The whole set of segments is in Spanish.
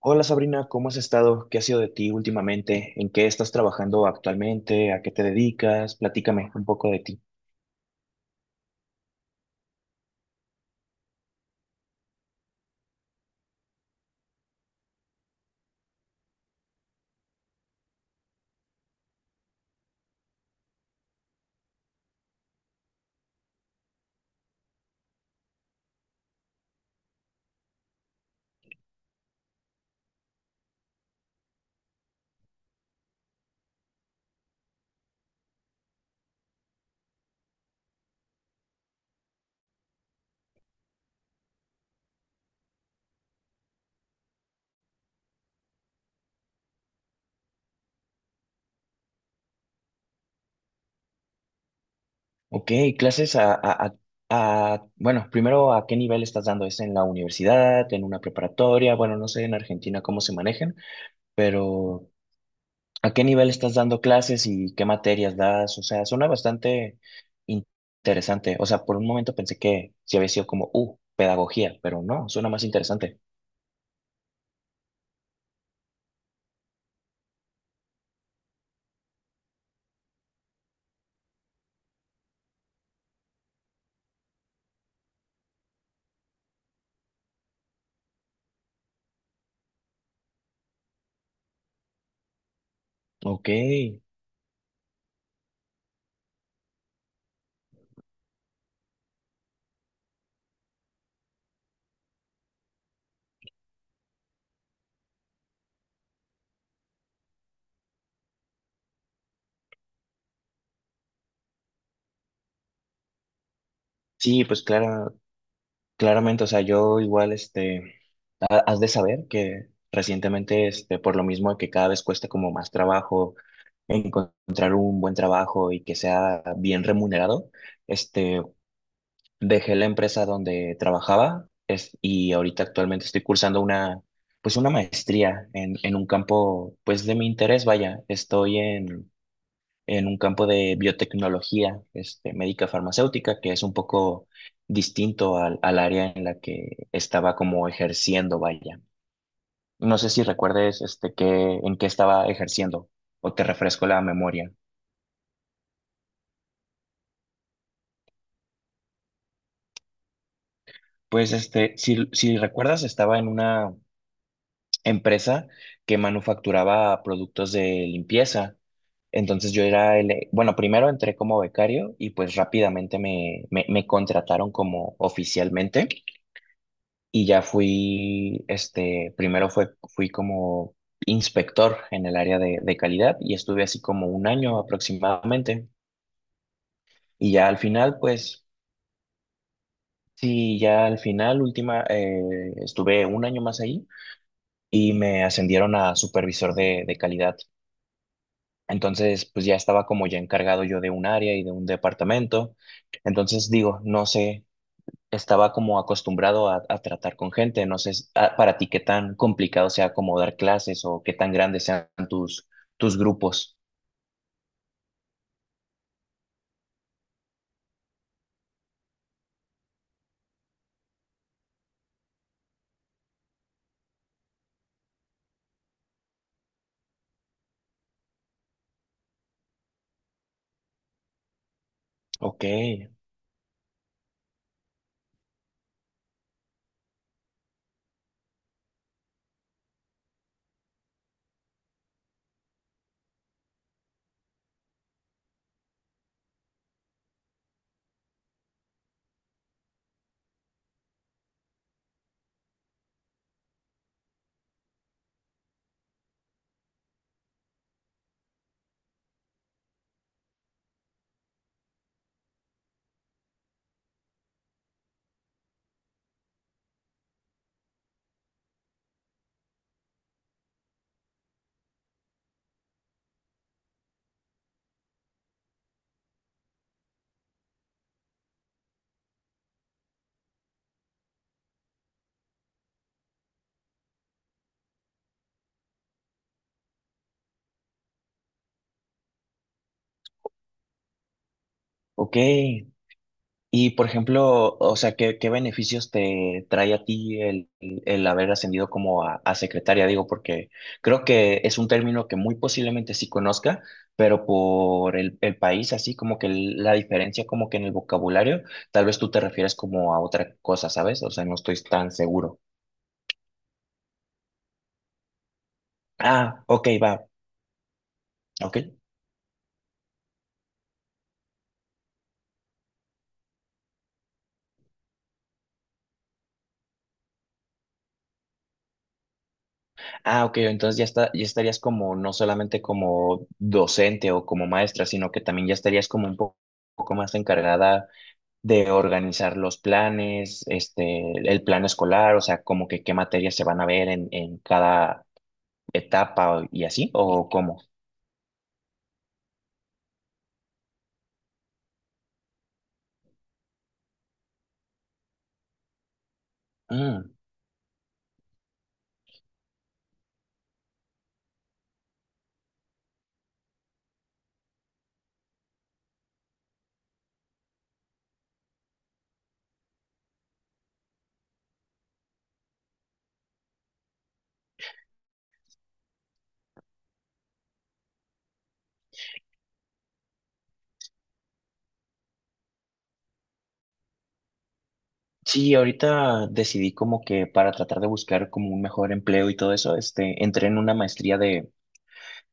Hola Sabrina, ¿cómo has estado? ¿Qué ha sido de ti últimamente? ¿En qué estás trabajando actualmente? ¿A qué te dedicas? Platícame un poco de ti. Ok. Clases bueno, primero, ¿a qué nivel estás dando? ¿Es en la universidad, en una preparatoria? Bueno, no sé en Argentina cómo se manejan, pero ¿a qué nivel estás dando clases y qué materias das? O sea, suena bastante in- interesante. O sea, por un momento pensé que sí había sido como, pedagogía, pero no, suena más interesante. Ok. Sí, pues claro, claramente, o sea, yo igual, este, has de saber que recientemente, este, por lo mismo de que cada vez cuesta como más trabajo encontrar un buen trabajo y que sea bien remunerado, este, dejé la empresa donde trabajaba, y ahorita actualmente estoy cursando una, pues una maestría en un campo, pues de mi interés, vaya, estoy en un campo de biotecnología, este, médica farmacéutica, que es un poco distinto al área en la que estaba como ejerciendo, vaya. No sé si recuerdes este, que, en qué estaba ejerciendo o te refresco la memoria. Pues este, si recuerdas, estaba en una empresa que manufacturaba productos de limpieza. Entonces yo era bueno, primero entré como becario y pues rápidamente me contrataron como oficialmente. Y ya fui, este, primero fui como inspector en el área de calidad y estuve así como un año aproximadamente. Y ya al final, pues, sí, ya al final, última, estuve un año más ahí y me ascendieron a supervisor de calidad. Entonces, pues ya estaba como ya encargado yo de un área y de un departamento. Entonces, digo, no sé, estaba como acostumbrado a tratar con gente. No sé para ti qué tan complicado sea como dar clases o qué tan grandes sean tus grupos. Ok, ok. Y por ejemplo, o sea, ¿qué beneficios te trae a ti el haber ascendido como a secretaria? Digo, porque creo que es un término que muy posiblemente sí conozca, pero por el país, así como que la diferencia como que en el vocabulario, tal vez tú te refieres como a otra cosa, ¿sabes? O sea, no estoy tan seguro. Ah, ok, va. Ok. Ah, ok, entonces ya está, ya estarías como, no solamente como docente o como maestra, sino que también ya estarías como un poco más encargada de organizar los planes, este, el plan escolar, o sea, como que qué materias se van a ver en cada etapa y así, o cómo. Mm. Sí, ahorita decidí como que para tratar de buscar como un mejor empleo y todo eso, este, entré en una maestría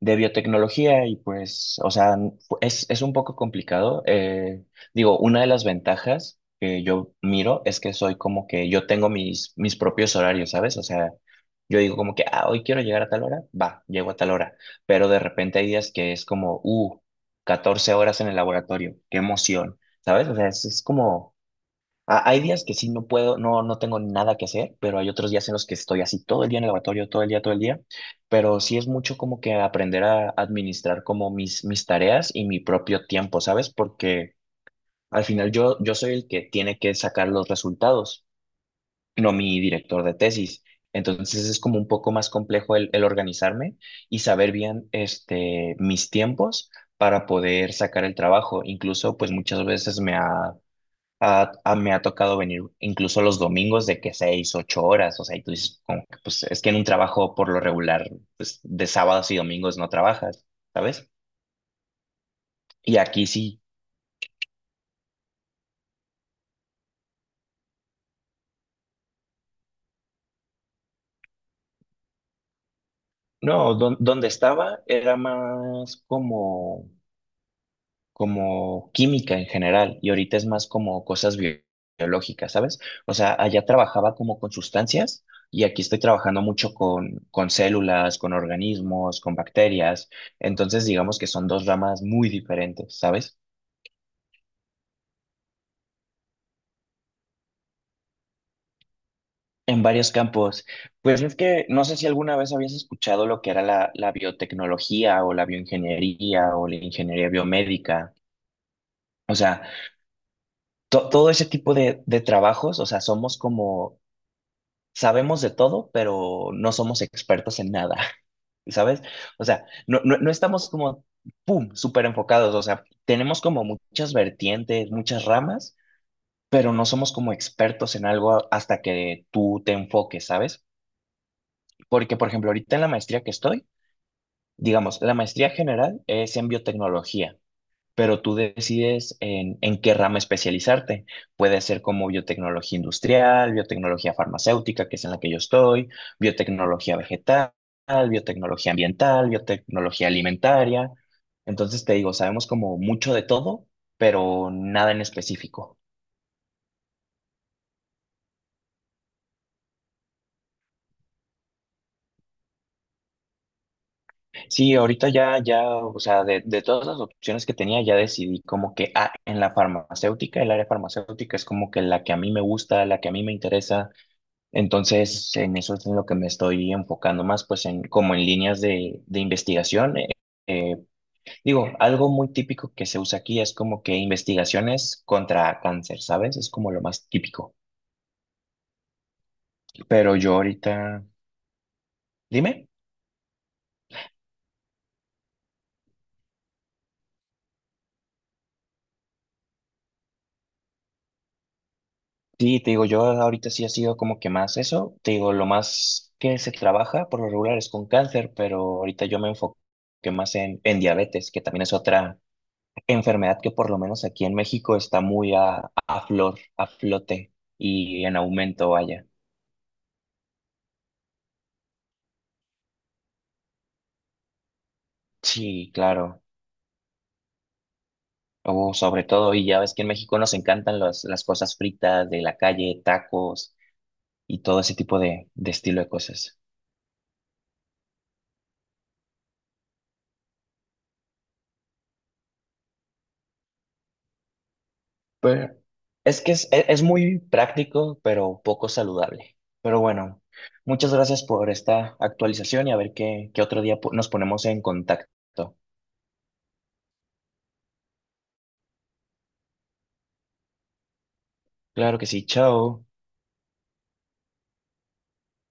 de biotecnología y pues, o sea, es un poco complicado. Digo, una de las ventajas que yo miro es que soy como que yo tengo mis propios horarios, ¿sabes? O sea, yo digo como que, ah, hoy quiero llegar a tal hora, va, llego a tal hora, pero de repente hay días que es como, 14 horas en el laboratorio, qué emoción, ¿sabes? O sea, es como hay días que sí no puedo, no, no tengo nada que hacer, pero hay otros días en los que estoy así todo el día en el laboratorio, todo el día, todo el día. Pero sí es mucho como que aprender a administrar como mis tareas y mi propio tiempo, ¿sabes? Porque al final yo soy el que tiene que sacar los resultados, no mi director de tesis. Entonces es como un poco más complejo el organizarme y saber bien este, mis tiempos para poder sacar el trabajo. Incluso pues muchas veces me ha tocado venir incluso los domingos de que 6, 8 horas, o sea, y tú dices, como que, pues es que en un trabajo por lo regular, pues de sábados y domingos no trabajas, ¿sabes? Y aquí sí, no, donde estaba era más como química en general y ahorita es más como cosas biológicas, ¿sabes? O sea, allá trabajaba como con sustancias y aquí estoy trabajando mucho con células, con organismos, con bacterias, entonces digamos que son dos ramas muy diferentes, ¿sabes? En varios campos. Pues es que no sé si alguna vez habías escuchado lo que era la biotecnología o la bioingeniería o la ingeniería biomédica. O sea, todo ese tipo de trabajos, o sea, somos como sabemos de todo, pero no somos expertos en nada, ¿sabes? O sea, no estamos como, ¡pum!, súper enfocados, o sea, tenemos como muchas vertientes, muchas ramas, pero no somos como expertos en algo hasta que tú te enfoques, ¿sabes? Porque, por ejemplo, ahorita en la maestría que estoy, digamos, la maestría general es en biotecnología, pero tú decides en qué rama especializarte. Puede ser como biotecnología industrial, biotecnología farmacéutica, que es en la que yo estoy, biotecnología vegetal, biotecnología ambiental, biotecnología alimentaria. Entonces te digo, sabemos como mucho de todo, pero nada en específico. Sí, ahorita ya, o sea, de todas las opciones que tenía, ya decidí como que ah, en la farmacéutica, el área farmacéutica es como que la que a mí me gusta, la que a mí me interesa. Entonces, en eso es en lo que me estoy enfocando más, pues en como en líneas de investigación. Eh, Digo, algo muy típico que se usa aquí es como que investigaciones contra cáncer, ¿sabes? Es como lo más típico. Pero yo ahorita, dime. Sí, te digo, yo ahorita sí ha sido como que más eso. Te digo, lo más que se trabaja por lo regular es con cáncer, pero ahorita yo me enfoqué más en diabetes, que también es otra enfermedad que por lo menos aquí en México está muy a a flote y en aumento, vaya. Sí, claro. Oh, sobre todo, y ya ves que en México nos encantan las cosas fritas de la calle, tacos y todo ese tipo de estilo de cosas. Pero es que es muy práctico, pero poco saludable. Pero bueno, muchas gracias por esta actualización y a ver qué otro día nos ponemos en contacto. Claro que sí, chao.